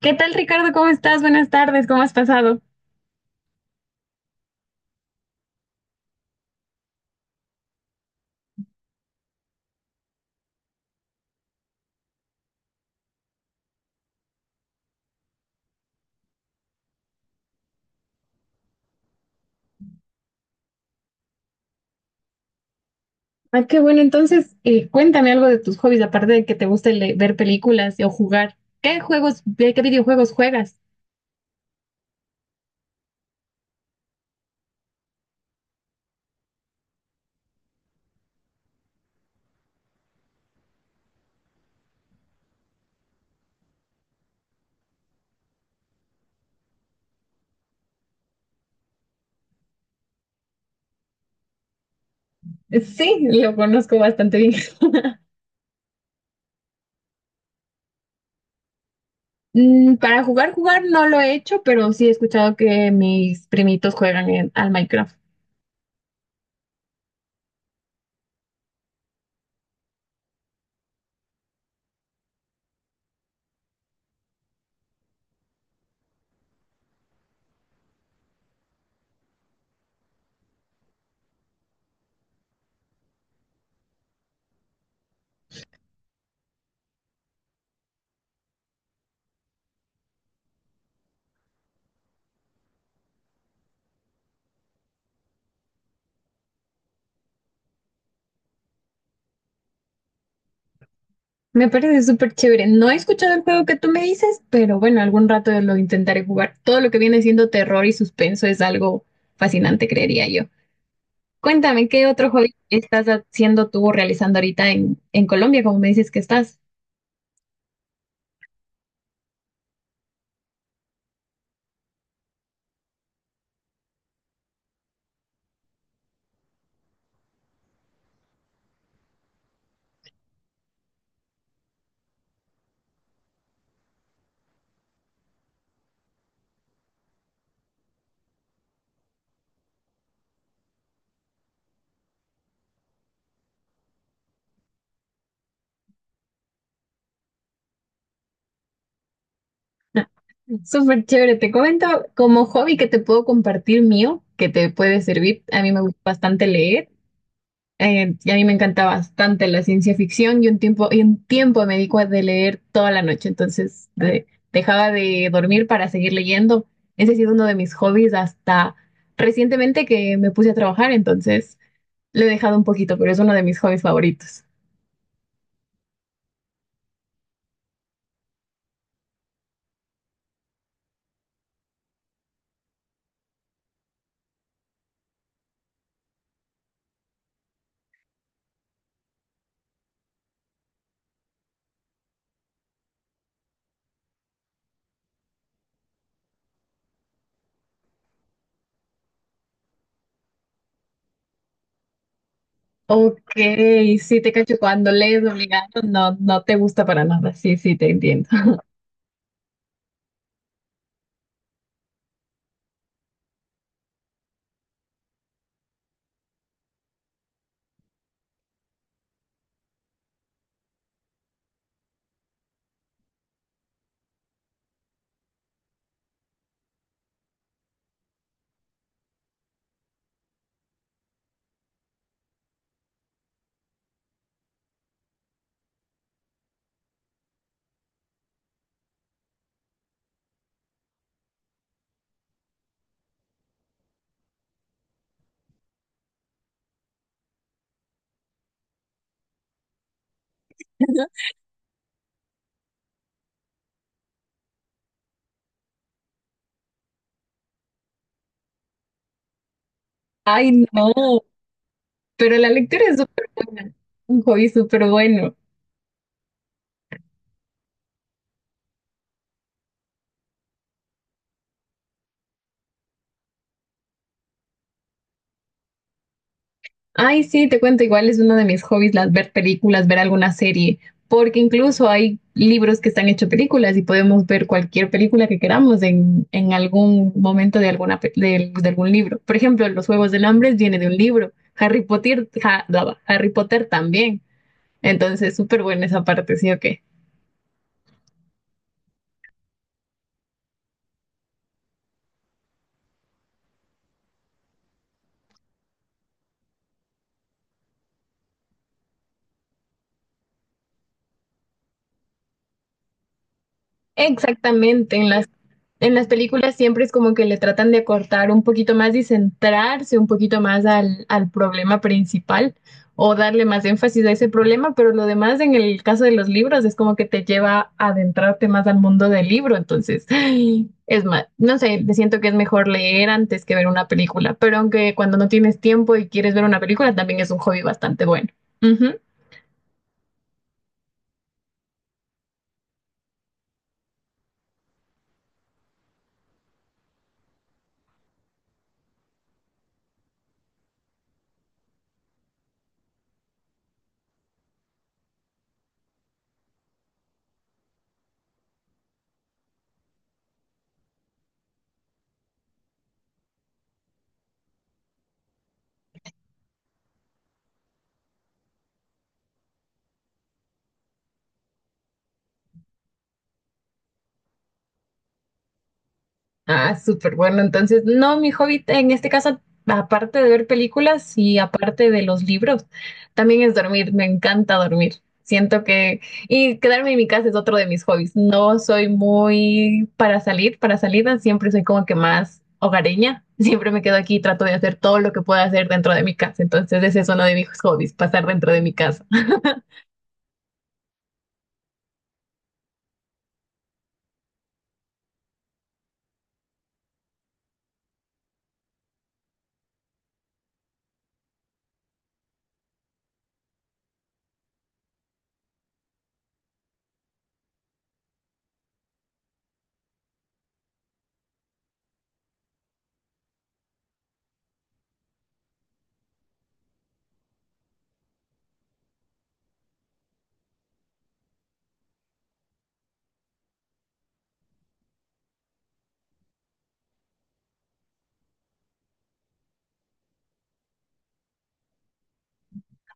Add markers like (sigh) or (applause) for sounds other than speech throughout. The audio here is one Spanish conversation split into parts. ¿Qué tal, Ricardo? ¿Cómo estás? Buenas tardes, ¿cómo has pasado? Ah, qué bueno. Entonces, cuéntame algo de tus hobbies, aparte de que te guste ver películas o jugar. ¿Qué juegos, de qué videojuegos juegas? Sí, lo conozco bastante bien. Mm, para jugar no lo he hecho, pero sí he escuchado que mis primitos juegan al Minecraft. Me parece súper chévere. No he escuchado el juego que tú me dices, pero bueno, algún rato lo intentaré jugar. Todo lo que viene siendo terror y suspenso es algo fascinante, creería yo. Cuéntame, ¿qué otro hobby estás haciendo tú o realizando ahorita en Colombia, como me dices que estás? Súper chévere. Te comento como hobby que te puedo compartir mío, que te puede servir. A mí me gusta bastante leer y a mí me encanta bastante la ciencia ficción y un tiempo me dedico a de leer toda la noche. Entonces dejaba de dormir para seguir leyendo. Ese ha sido uno de mis hobbies hasta recientemente que me puse a trabajar. Entonces lo he dejado un poquito, pero es uno de mis hobbies favoritos. Ok, sí te cacho, cuando lees obligado no te gusta para nada, sí, sí, te entiendo. (laughs) Ay, no, pero la lectura es un hobby súper bueno. Ay, sí, te cuento, igual es uno de mis hobbies las ver películas, ver alguna serie, porque incluso hay libros que están hechos películas y podemos ver cualquier película que queramos en algún momento de, alguna, de algún libro. Por ejemplo, Los Juegos del Hambre viene de un libro, Harry Potter, bla, bla, Harry Potter también. Entonces, súper buena esa parte, ¿sí o qué? Exactamente, en las películas siempre es como que le tratan de acortar un poquito más y centrarse un poquito más al problema principal o darle más énfasis a ese problema, pero lo demás en el caso de los libros es como que te lleva a adentrarte más al mundo del libro, entonces (gasps) ay, es más, no sé, siento que es mejor leer antes que ver una película, pero aunque cuando no tienes tiempo y quieres ver una película también es un hobby bastante bueno. Ah, súper bueno. Entonces, no, mi hobby en este caso, aparte de ver películas y aparte de los libros, también es dormir. Me encanta dormir. Siento que... Y quedarme en mi casa es otro de mis hobbies. No soy muy para salir, para salidas. Siempre soy como que más hogareña. Siempre me quedo aquí y trato de hacer todo lo que pueda hacer dentro de mi casa. Entonces, ese es uno de mis hobbies, pasar dentro de mi casa.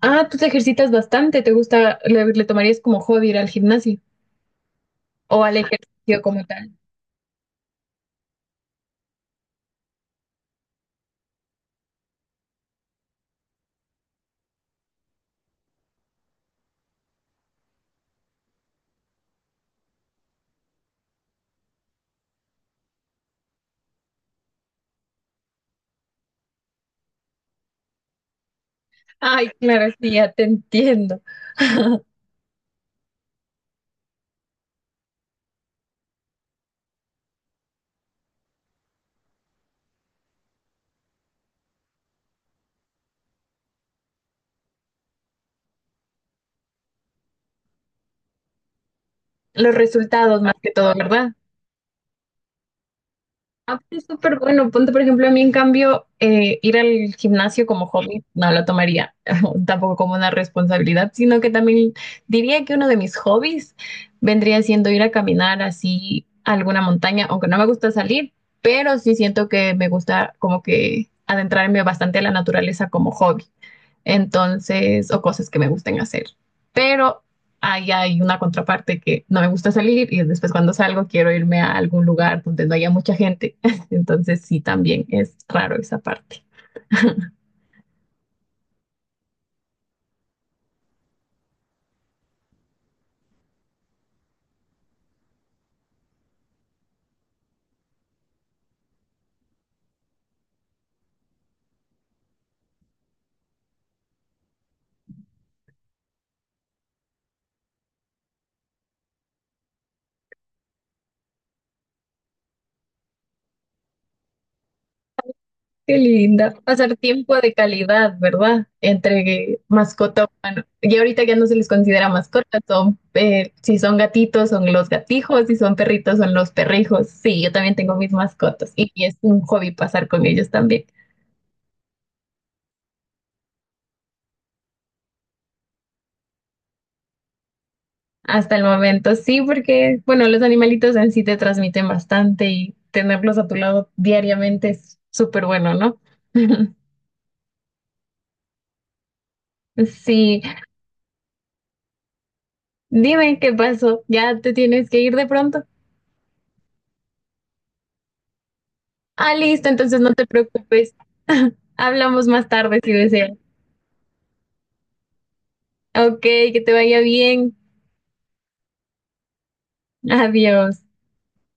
Ah, tú te ejercitas bastante. ¿Te gusta, le tomarías como hobby ir al gimnasio o al ejercicio como tal? Ay, claro, sí, ya te entiendo. Los resultados más que todo, ¿verdad? Ah, pero es súper bueno. Ponte, por ejemplo, a mí, en cambio, ir al gimnasio como hobby no lo tomaría (laughs) tampoco como una responsabilidad, sino que también diría que uno de mis hobbies vendría siendo ir a caminar así a alguna montaña, aunque no me gusta salir, pero sí siento que me gusta como que adentrarme bastante a la naturaleza como hobby. Entonces, o cosas que me gusten hacer. Pero ahí hay una contraparte que no me gusta salir y después cuando salgo quiero irme a algún lugar donde no haya mucha gente, entonces sí, también es raro esa parte. Qué linda. Pasar tiempo de calidad, ¿verdad? Entre mascota humano. Y ahorita ya no se les considera mascota, son, si son gatitos, son los gatijos, si son perritos, son los perrijos. Sí, yo también tengo mis mascotas y es un hobby pasar con ellos también. Hasta el momento, sí, porque, bueno, los animalitos en sí te transmiten bastante y tenerlos a tu lado diariamente es súper bueno, ¿no? (laughs) Sí, dime qué pasó. Ya te tienes que ir de pronto. Ah, listo, entonces no te preocupes. (laughs) Hablamos más tarde si deseas. Ok, que te vaya bien. Adiós.